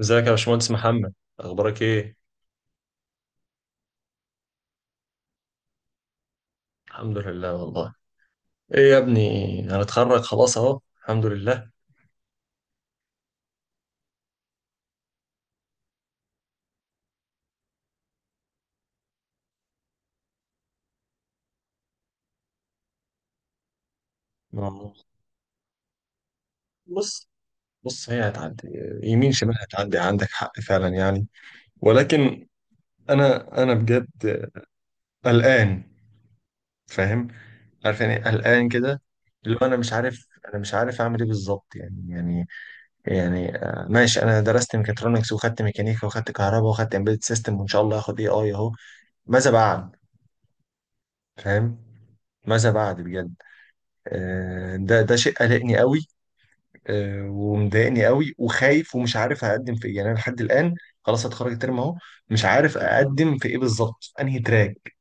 ازيك يا باشمهندس محمد؟ اخبارك ايه؟ الحمد لله والله. ايه يا ابني، هنتخرج خلاص اهو، الحمد لله. ما- بص. بص، هي هتعدي يمين شمال. هتعدي، عندك حق فعلا يعني. ولكن انا بجد قلقان. فاهم؟ عارف يعني إيه قلقان كده؟ اللي هو انا مش عارف، اعمل ايه بالظبط ماشي، انا درست ميكاترونكس وخدت ميكانيكا وخدت كهرباء وخدت امبيدد سيستم وان شاء الله هاخد اي اي اهو. ماذا بعد؟ فاهم؟ ماذا بعد بجد؟ ده شيء قلقني قوي. ومضايقني قوي وخايف ومش عارف اقدم في ايه يعني. انا لحد الان خلاص هتخرج الترم اهو، مش عارف اقدم في ايه بالظبط، انهي تراك.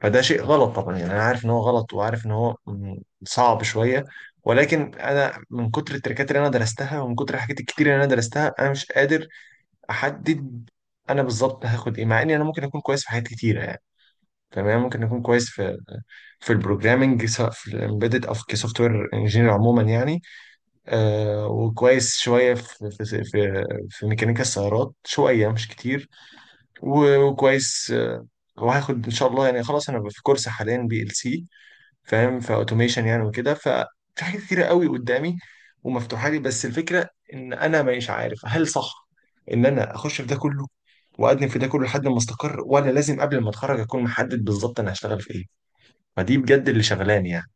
فده شيء غلط طبعا يعني. انا عارف ان هو غلط، وعارف ان هو صعب شويه. ولكن انا من كتر التركات اللي انا درستها ومن كتر الحاجات الكتير اللي انا درستها انا مش قادر احدد انا بالظبط هاخد ايه، مع اني انا ممكن اكون كويس في حاجات كتيره يعني. تمام، ممكن اكون كويس في البروجرامنج، سواء في الامبيدد او في كسوفت وير انجينير عموما يعني. وكويس شوية في ميكانيكا السيارات، شوية مش كتير. وكويس آه. وهاخد إن شاء الله يعني. خلاص، أنا في كورس حاليا بي ال سي، فاهم؟ فأوتوميشن يعني وكده، ففي حاجات كتيرة قوي قدامي ومفتوحة لي. بس الفكرة إن أنا مش عارف هل صح إن أنا أخش في ده كله وأقدم في ده كله لحد ما أستقر، ولا لازم قبل ما أتخرج أكون محدد بالظبط أنا هشتغل في إيه. فدي بجد اللي شغلاني يعني.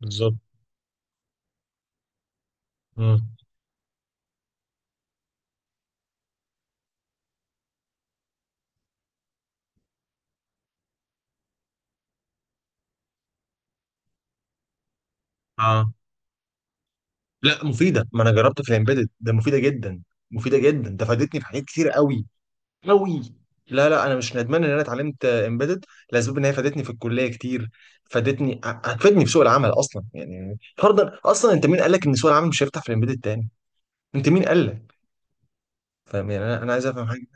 بالظبط. مم. لا، مفيده، ما انا جربت في الامبيدد ده مفيده جدا. مفيده جدا، ده فادتني في حاجات كتير قوي، قوي. لا لا، انا مش ندمان ان انا اتعلمت امبيدد، لاسباب ان هي فادتني في الكليه كتير. فادتني، هتفيدني في سوق العمل اصلا يعني. فرضا اصلا انت مين قال لك ان سوق العمل مش هيفتح في الامبيدد تاني؟ انت مين قال لك؟ فاهم يعني؟ انا عايز افهم حاجه.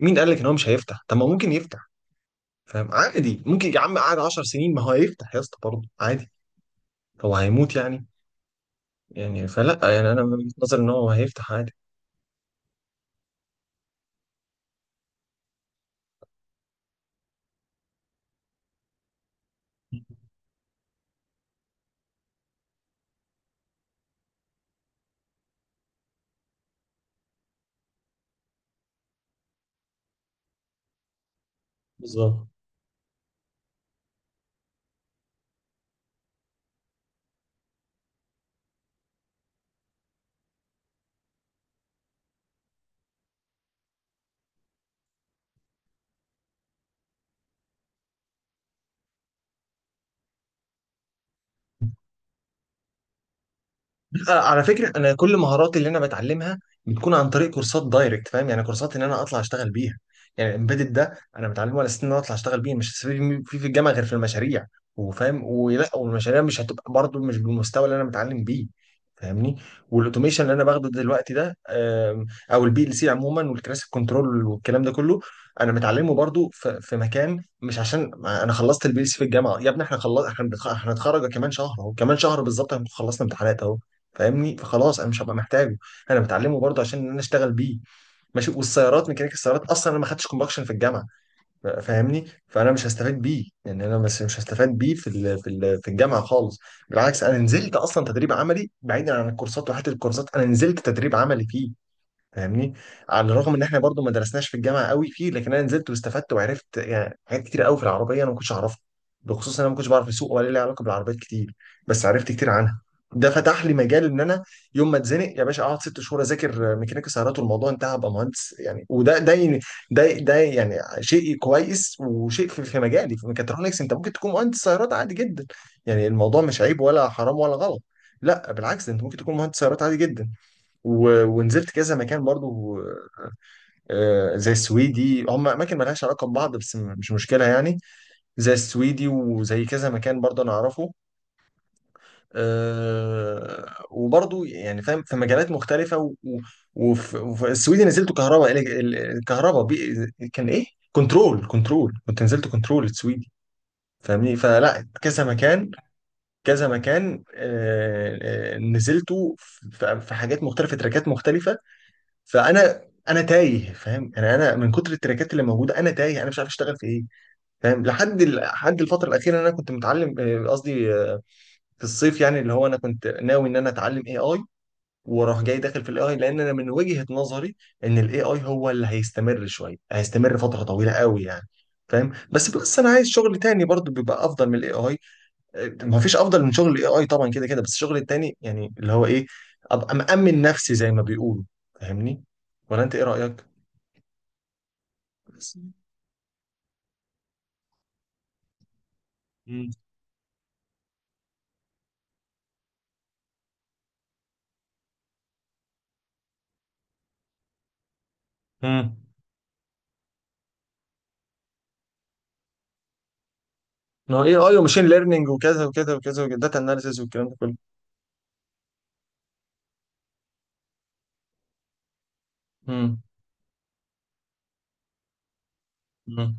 مين قال لك ان هو مش هيفتح؟ طب ما هو ممكن يفتح. فاهم؟ عادي، ممكن يا عم قعد 10 سنين، ما هو هيفتح يا اسطى برضه عادي. هو هيموت يعني؟ يعني فلا، يعني انا من وجهة نظري ان هو هيفتح عادي. بالظبط. على فكرة أنا كل مهاراتي اللي أنا بتعلمها بتكون عن طريق كورسات دايركت، فاهم يعني؟ كورسات إن أنا أطلع أشتغل بيها يعني. الإمبيدد ده أنا بتعلمه على أساس إن أنا أطلع أشتغل بيه، مش هستفيد فيه في الجامعة غير في المشاريع. وفاهم ولا؟ والمشاريع مش هتبقى برضه مش بالمستوى اللي أنا متعلم بيه. فاهمني؟ والأوتوميشن اللي أنا باخده دلوقتي ده أو البي ال سي عموما والكلاسيك كنترول والكلام ده كله، أنا متعلمه برضه في مكان، مش عشان أنا خلصت البي ال سي في الجامعة. يا ابني إحنا خلص، إحنا هنتخرج كمان شهر أهو، كمان شهر بالظبط هنكون خلصنا امتحانات أهو. فاهمني؟ فخلاص انا مش هبقى محتاجه، انا بتعلمه برضه عشان ان انا اشتغل بيه. ماشي. والسيارات، ميكانيكا السيارات اصلا انا ما خدتش كومباكشن في الجامعه. فاهمني؟ فانا مش هستفاد بيه يعني. انا بس مش هستفاد بيه في الجامعه خالص. بالعكس، انا نزلت اصلا تدريب عملي بعيدا عن الكورسات، وحته الكورسات انا نزلت تدريب عملي فيه. فاهمني؟ على الرغم ان احنا برضو ما درسناش في الجامعه قوي فيه، لكن انا نزلت واستفدت وعرفت يعني حاجات كتير قوي في العربيه انا ما كنتش اعرفها. بخصوص ان انا ما كنتش بعرف اسوق ولا لي علاقه بالعربيات كتير، بس عرفت كتير عنها. ده فتح لي مجال ان انا يوم ما اتزنق يا باشا اقعد 6 شهور اذاكر ميكانيكا سيارات والموضوع انتهى، ابقى مهندس يعني. وده ده ده ده يعني شيء كويس، وشيء في, في مجالي. في ميكاترونكس انت ممكن تكون مهندس سيارات عادي جدا يعني. الموضوع مش عيب ولا حرام ولا غلط، لا بالعكس. ده انت ممكن تكون مهندس سيارات عادي جدا. ونزلت كذا مكان برضو. آه، زي السويدي، هم اماكن ملهاش علاقه ببعض بس مش مشكله يعني. زي السويدي وزي كذا مكان برضو انا اعرفه. وبرضو يعني فاهم في مجالات مختلفه وفي السويدي نزلت كهرباء، الكهرباء كان ايه؟ كنترول. كنترول. كنت نزلت كنترول السويدي. فاهمني؟ فلا، كذا مكان، كذا مكان، نزلته في حاجات مختلفه، تراكات مختلفه. فانا تايه. فاهم يعني؟ انا من كتر التراكات اللي موجوده انا تايه، انا مش عارف اشتغل في ايه. فاهم؟ لحد الفتره الاخيره انا كنت متعلم آه، قصدي آه، في الصيف يعني، اللي هو انا كنت ناوي ان انا اتعلم اي اي، واروح جاي داخل في الاي اي، لان انا من وجهه نظري ان الاي اي هو اللي هيستمر شويه، هيستمر فتره طويله قوي يعني. فاهم؟ بس انا عايز شغل تاني برضو بيبقى افضل من الاي اي. ما فيش افضل من شغل الاي اي طبعا، كده كده. بس الشغل التاني يعني اللي هو ايه؟ ابقى مأمن نفسي زي ما بيقولوا. فاهمني؟ ولا انت ايه رأيك؟ مم. مم. ما هو اي اي وماشين ليرنينج وكذا وكذا وكذا وداتا اناليسيز والكلام ده كله. مم. مم.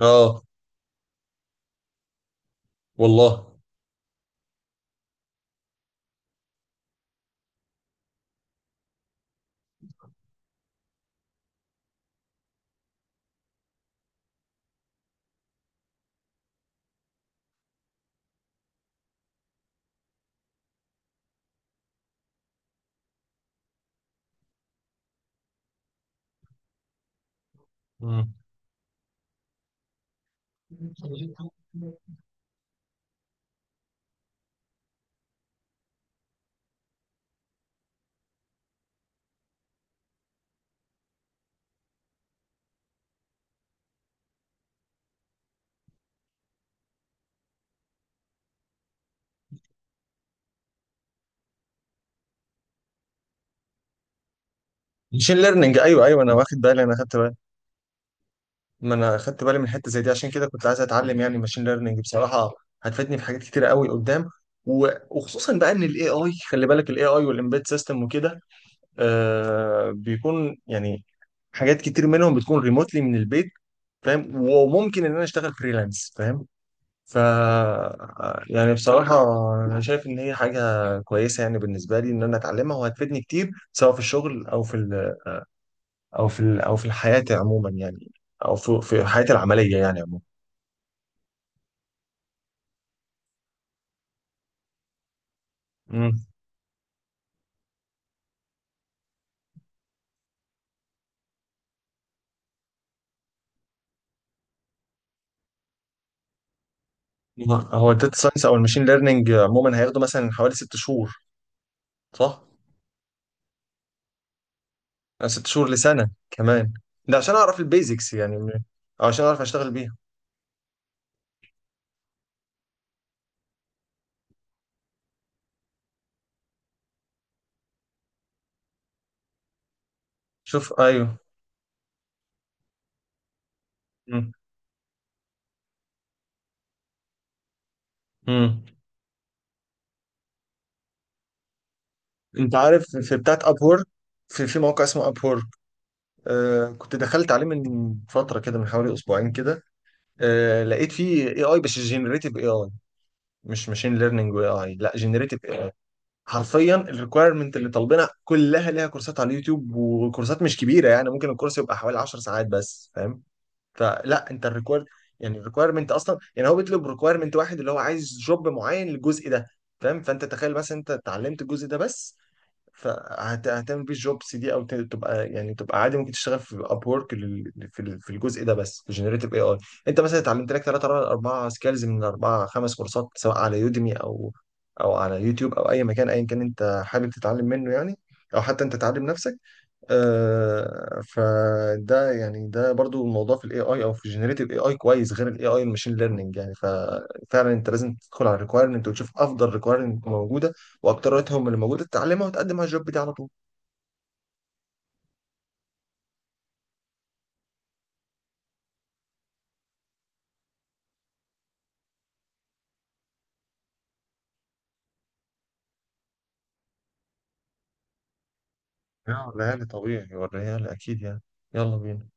اه والله. مم. ماشين ليرنينج، ايوه، ايوه، انا واخد بالي، انا اخدت بالي. ما انا اخدت بالي من حته زي دي، عشان كده كنت عايز اتعلم يعني ماشين ليرنينج بصراحه. هتفيدني في حاجات كتير قوي قدام. و- وخصوصا بقى ان الاي اي، خلي بالك، الاي اي والامبيد سيستم وكده آه بيكون يعني حاجات كتير منهم بتكون ريموتلي من البيت. فاهم؟ وممكن ان انا اشتغل فريلانس. فاهم؟ ف يعني بصراحه انا شايف ان هي حاجه كويسه يعني بالنسبه لي ان انا اتعلمها، وهتفيدني كتير سواء في الشغل او في ال... او في ال... او في الحياه عموما يعني. او في حياتي العمليه يعني عموما. مم. هو الداتا ساينس او الماشين ليرنينج عموما هياخدوا مثلا حوالي 6 شهور، صح؟ أو 6 شهور لسنه كمان، ده عشان اعرف البيزكس يعني، أو عشان اعرف اشتغل بيها. شوف، ايوه. مم. مم. انت عارف في بتاعت ابور؟ في موقع اسمه ابور. آه كنت دخلت عليه من فتره كده، من حوالي اسبوعين كده. آه، لقيت فيه اي اي، بس جنريتيف اي اي، مش ماشين ليرنينج واي اي، لا، جنريتيف اي اي. حرفيا الريكويرمنت اللي طالبينها كلها ليها كورسات على اليوتيوب، وكورسات مش كبيره يعني. ممكن الكورس يبقى حوالي 10 ساعات بس. فاهم؟ فلا انت الريكوير يعني الريكويرمنت اصلا يعني هو بيطلب ريكويرمنت واحد اللي هو عايز جوب معين للجزء ده. فاهم؟ فانت تخيل مثلا انت اتعلمت الجزء ده بس، فهتعمل بيه الجوبس دي او تبقى يعني تبقى عادي. ممكن تشتغل في اب وورك في الجزء ده بس، في جنريتيف اي اي. انت مثلا اتعلمت لك ثلاثة اربع سكيلز من اربع خمس كورسات، سواء على يوديمي او على يوتيوب او اي مكان ايا كان انت حابب تتعلم منه يعني، او حتى انت تعلم نفسك. آه فده يعني ده برضو الموضوع في الاي اي او في جنريتيف اي اي كويس، غير الاي اي الماشين ليرنينج يعني. ففعلا انت لازم تدخل على الريكوايرمنت وتشوف افضل ريكوايرمنت موجوده، واكترتهم اللي موجوده تتعلمها وتقدم على الجوب دي على طول. لا، وريها لي طبيعي، وريها لي اكيد يعني. يلا بينا.